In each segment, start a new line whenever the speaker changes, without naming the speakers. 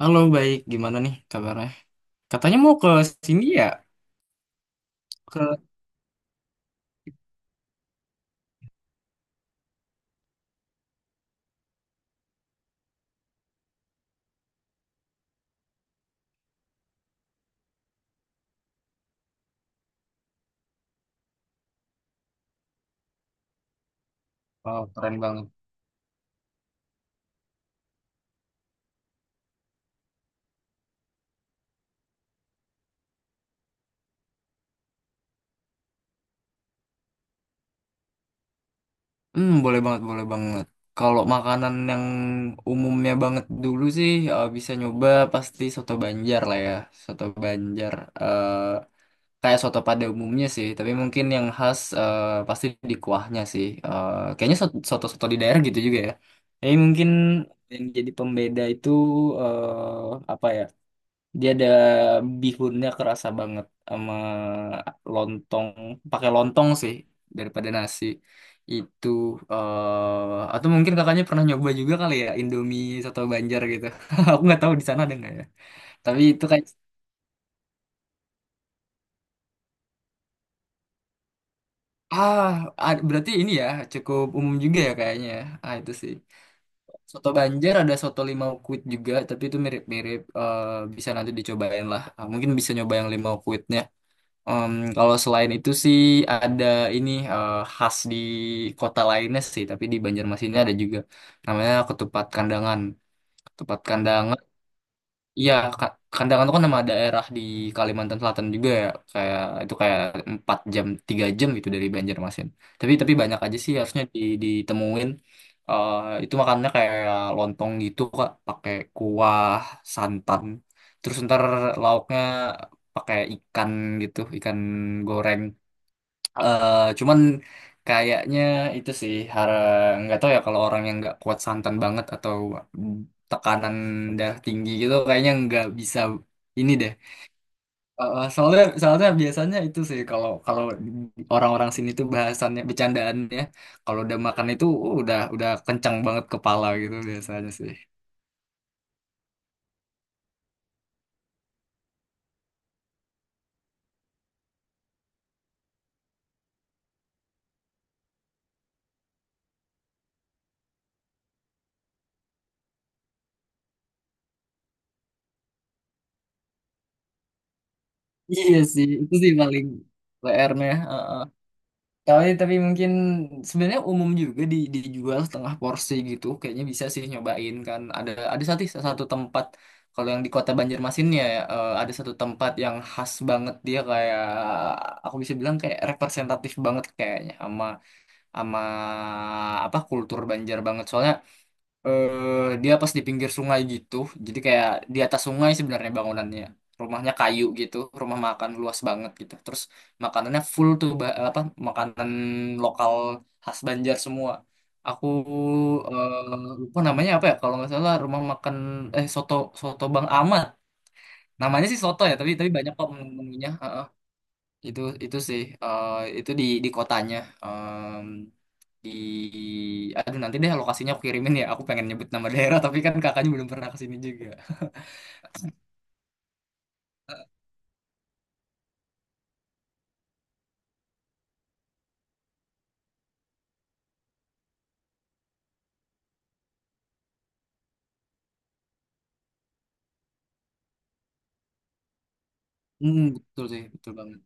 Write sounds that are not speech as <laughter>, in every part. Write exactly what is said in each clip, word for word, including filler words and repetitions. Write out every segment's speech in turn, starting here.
Halo, baik. Gimana nih kabarnya? Katanya mau ke sini ya? Ke Oh, keren banget. Hmm, boleh banget, boleh banget. Kalau makanan yang umumnya banget dulu sih eh, bisa nyoba pasti soto Banjar lah ya. Soto Banjar eh kayak soto pada umumnya sih, tapi mungkin yang khas eh, pasti di kuahnya sih. Eh, kayaknya sot- soto-soto di daerah gitu juga ya. Jadi mungkin yang jadi pembeda itu eh apa ya? Dia ada bihunnya kerasa banget sama lontong, pakai lontong sih daripada nasi. Itu eh atau mungkin kakaknya pernah nyoba juga kali ya Indomie soto Banjar gitu. <laughs> Aku nggak tahu di sana ada nggak ya. Tapi itu kayak ah ad- berarti ini ya cukup umum juga ya kayaknya. Ya. Ah itu sih. Soto Banjar ada soto limau kuit juga, tapi itu mirip-mirip eh bisa nanti dicobain lah. Ah, mungkin bisa nyoba yang limau kuitnya. Em, kalau selain itu sih ada ini eh, khas di kota lainnya sih, tapi di Banjarmasinnya ada juga namanya ketupat kandangan. Ketupat kandangan. Iya, Ka- Kandangan itu kan nama daerah di Kalimantan Selatan juga ya, kayak itu kayak empat jam, tiga jam gitu dari Banjarmasin. Tapi tapi banyak aja sih harusnya di, ditemuin. Eh, itu makannya kayak lontong gitu Kak, pakai kuah, santan. Terus ntar lauknya pakai ikan gitu, ikan goreng eh cuman kayaknya itu sih har- nggak tahu ya kalau orang yang nggak kuat santan banget atau tekanan darah tinggi gitu kayaknya nggak bisa ini deh. Eh, soalnya soalnya biasanya itu sih kalau kalau orang-orang sini tuh bahasannya bercandaannya kalau udah makan itu uh, udah udah kencang banget kepala gitu biasanya sih. <laughs> Iya sih, itu sih paling pe er-nya. Tapi, tapi mungkin sebenarnya umum juga di, dijual setengah porsi gitu. Kayaknya bisa sih nyobain kan. Ada ada satu satu tempat kalau yang di Kota Banjarmasin ya, eh, ada satu tempat yang khas banget dia kayak aku bisa bilang kayak representatif banget kayaknya sama sama apa kultur Banjar banget. Soalnya eh dia pas di pinggir sungai gitu. Jadi kayak di atas sungai sebenarnya bangunannya. Rumahnya kayu gitu, rumah makan luas banget gitu. Terus makanannya full tuh ba- apa makanan lokal khas Banjar semua. Aku eh, lupa namanya apa ya, kalau nggak salah rumah makan eh soto soto Bang Ahmad. Namanya sih soto ya, tapi tapi banyak kok menu- menunya. Heeh. Itu itu sih eh, itu di di kotanya. Mmm, di aduh nanti deh lokasinya aku kirimin ya, aku pengen nyebut nama daerah tapi kan kakaknya belum pernah kesini juga. hmm betul sih, betul banget.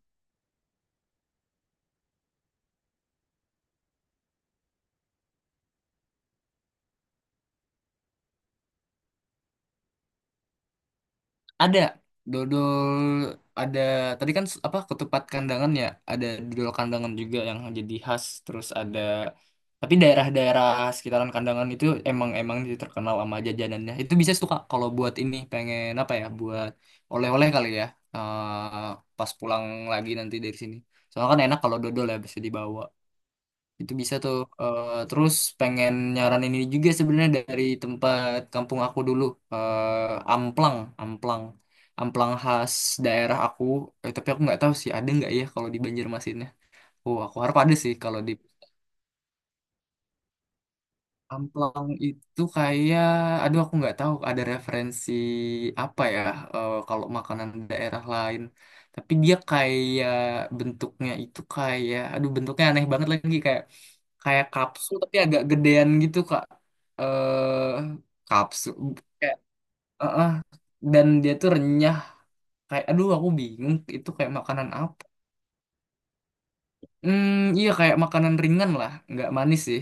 Ada dodol, ada tadi kan s- apa ketupat kandangan ya, ada dodol kandangan juga yang jadi khas. Terus ada tapi daerah-daerah sekitaran kandangan itu emang emang dia terkenal sama jajanannya. Itu bisa suka kalau buat ini, pengen apa ya, buat oleh-oleh kali ya, eh, pas pulang lagi nanti dari sini, soalnya kan enak kalau dodol ya bisa dibawa. Itu bisa tuh. Eh, terus pengen nyaranin ini juga sebenarnya dari tempat kampung aku dulu. Eh, amplang, amplang. Amplang khas daerah aku. Eh, tapi aku nggak tahu sih ada nggak ya kalau di Banjarmasinnya. Oh, aku harap ada sih kalau di. Amplang itu kayak, aduh aku nggak tahu ada referensi apa ya, eh, kalau makanan daerah lain. Tapi dia kayak bentuknya itu kayak, aduh bentuknya aneh banget lagi kayak kayak kapsul tapi agak gedean gitu Kak. Eh kapsul kayak eh, eh. dan dia tuh renyah kayak aduh aku bingung itu kayak makanan apa. Hmm, iya kayak makanan ringan lah, nggak manis sih.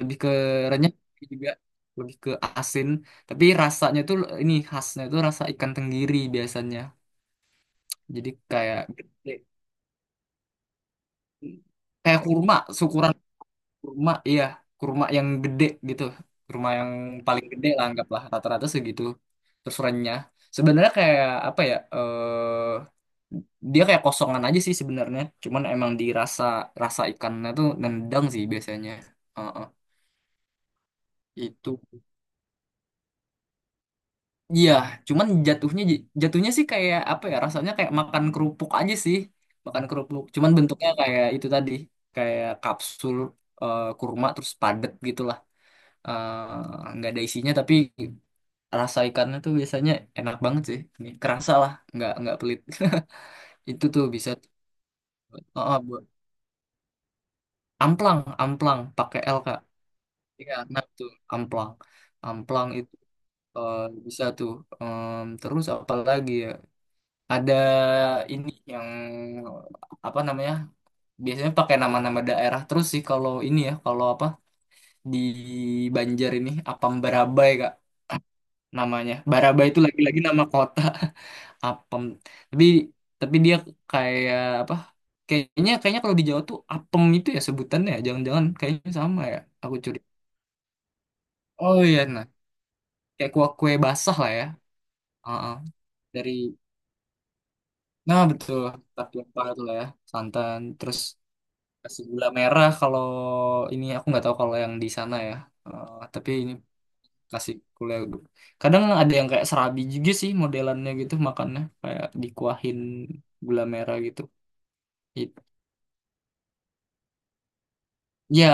Lebih ke renyah juga, lebih ke asin. Tapi rasanya tuh ini khasnya tuh rasa ikan tenggiri biasanya. Jadi kayak gede. Kayak kurma, syukuran kurma, iya kurma yang gede gitu. Kurma yang paling gede lah, anggaplah rata-rata segitu. Terus renyah. Sebenarnya kayak apa ya? eh dia kayak kosongan aja sih sebenarnya. Cuman emang dirasa rasa ikannya tuh nendang sih biasanya. Heeh. Itu. Iya, cuman jatuhnya jatuhnya sih kayak apa ya? Rasanya kayak makan kerupuk aja sih. Makan kerupuk. Cuman bentuknya kayak itu tadi, kayak kapsul eh, kurma terus padet gitulah. Eh, nggak ada isinya tapi rasa ikannya tuh biasanya enak banget sih. Ini kerasa lah, nggak nggak pelit. <laughs> Itu tuh bisa tuh buat- oh, oh, buat amplang, amplang pakai L Kak. Iya, nah tuh amplang. Amplang itu eh, bisa tuh. Em, terus apa lagi ya? Ada ini yang apa namanya biasanya pakai nama-nama daerah terus sih kalau ini ya, kalau apa di Banjar ini Apam Barabai kak namanya. Barabai itu lagi-lagi nama kota. <laughs> Apem tapi tapi dia kayak apa, kayaknya kayaknya kalau di Jawa tuh Apem itu ya sebutannya ya. Jangan-jangan kayaknya sama ya, aku curiga. Oh iya nah, kayak kue-kue basah lah ya. Heeh. Dari nah betul, tapi apa itu lah ya, santan terus. Nasi gula merah, kalau ini aku nggak tahu kalau yang di sana ya. Eh, tapi ini nasi gula. Kadang ada yang kayak serabi juga sih modelannya gitu, makannya kayak dikuahin gula merah gitu. I- Ya.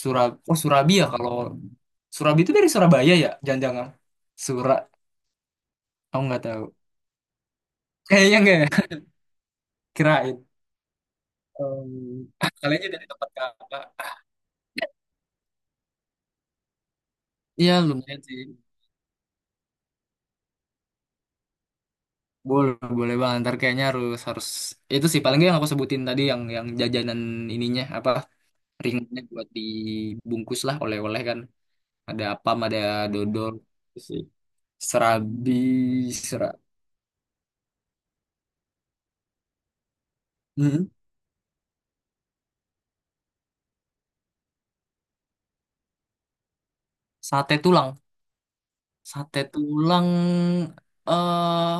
Surab oh Surabi ya, kalau Surabi itu dari Surabaya ya jangan-jangan. Sura aku nggak tahu. Kayaknya nggak ya? <laughs> Kirain. Em, <laughs> Kalian dari tempat kakak. Iya lumayan sih. Boleh, boleh bang. Ntar kayaknya harus harus itu sih paling nggak yang aku sebutin tadi, yang yang jajanan ininya, apa ringnya, buat dibungkus lah oleh-oleh kan. Ada apam, ada dodol, sih. Serabi, sera, Hmm. sate tulang, sate tulang. Eh,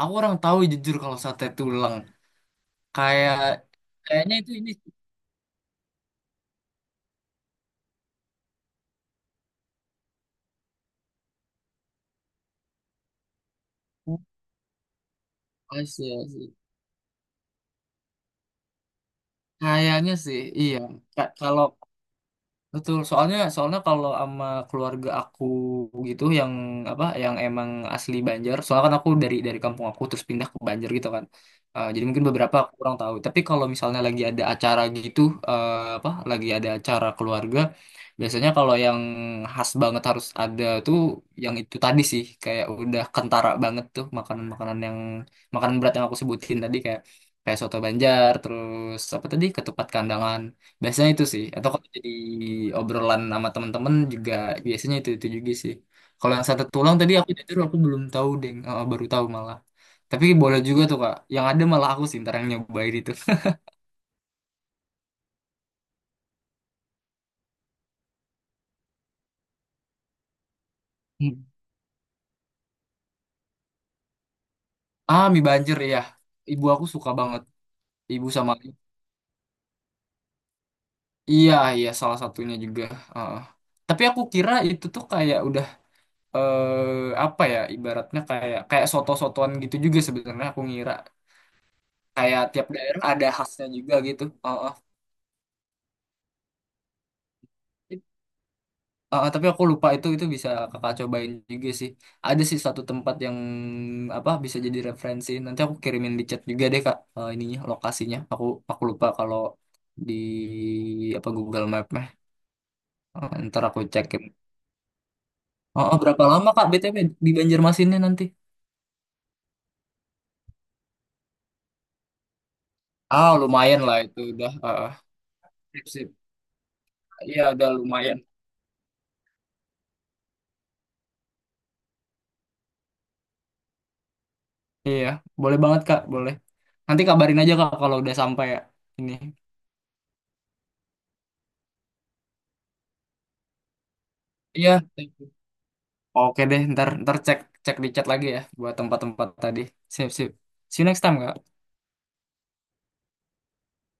aku orang tahu jujur kalau sate tulang. Kayak kayaknya itu ini sih. Asia sih. Kayaknya sih, iya. Ka- Kalau betul, soalnya soalnya kalau sama keluarga aku gitu, yang apa yang emang asli Banjar, soalnya kan aku dari dari kampung aku terus pindah ke Banjar gitu kan. Eh, jadi mungkin beberapa aku kurang tahu. Tapi kalau misalnya lagi ada acara gitu, eh, apa lagi ada acara keluarga, biasanya kalau yang khas banget harus ada tuh yang itu tadi sih, kayak udah kentara banget tuh makanan-makanan yang makanan berat yang aku sebutin tadi kayak kayak soto Banjar, terus apa tadi ketupat kandangan. Biasanya itu sih. Atau kalau jadi obrolan sama temen-temen juga biasanya itu itu juga sih. Kalau yang satu tulang tadi aku jujur aku belum tahu deh. Eh, baru tahu malah. Tapi boleh juga tuh Kak. Yang ada malah aku sih ntar yang nyobain itu. <laughs> Hmm. Ah, mie banjir ya. Ibu aku suka banget. Ibu sama iya iya salah satunya juga. Heeh. Tapi aku kira itu tuh kayak udah, eh, apa ya, ibaratnya kayak kayak soto-sotoan gitu juga sebenarnya aku ngira kayak tiap daerah ada khasnya juga gitu. Heeh. Ah, tapi aku lupa itu itu bisa kakak cobain juga sih. Ada sih satu tempat yang apa bisa jadi referensi. Nanti aku kirimin di chat juga deh Kak, eh, ininya lokasinya. Aku aku lupa kalau di apa Google Map mah. Eh, ntar aku cekin. Oh, oh, berapa lama Kak bi ti dabel yu di Banjarmasinnya nanti? Ah lumayan lah itu udah. Ah, ah. Sip, sip. Iya udah lumayan. Iya boleh banget Kak boleh. Nanti kabarin aja Kak kalau udah sampai ya ini. Iya. Oke deh, ntar ntar cek cek di chat lagi ya buat tempat-tempat tadi. Sip sip. See you next time, Kak.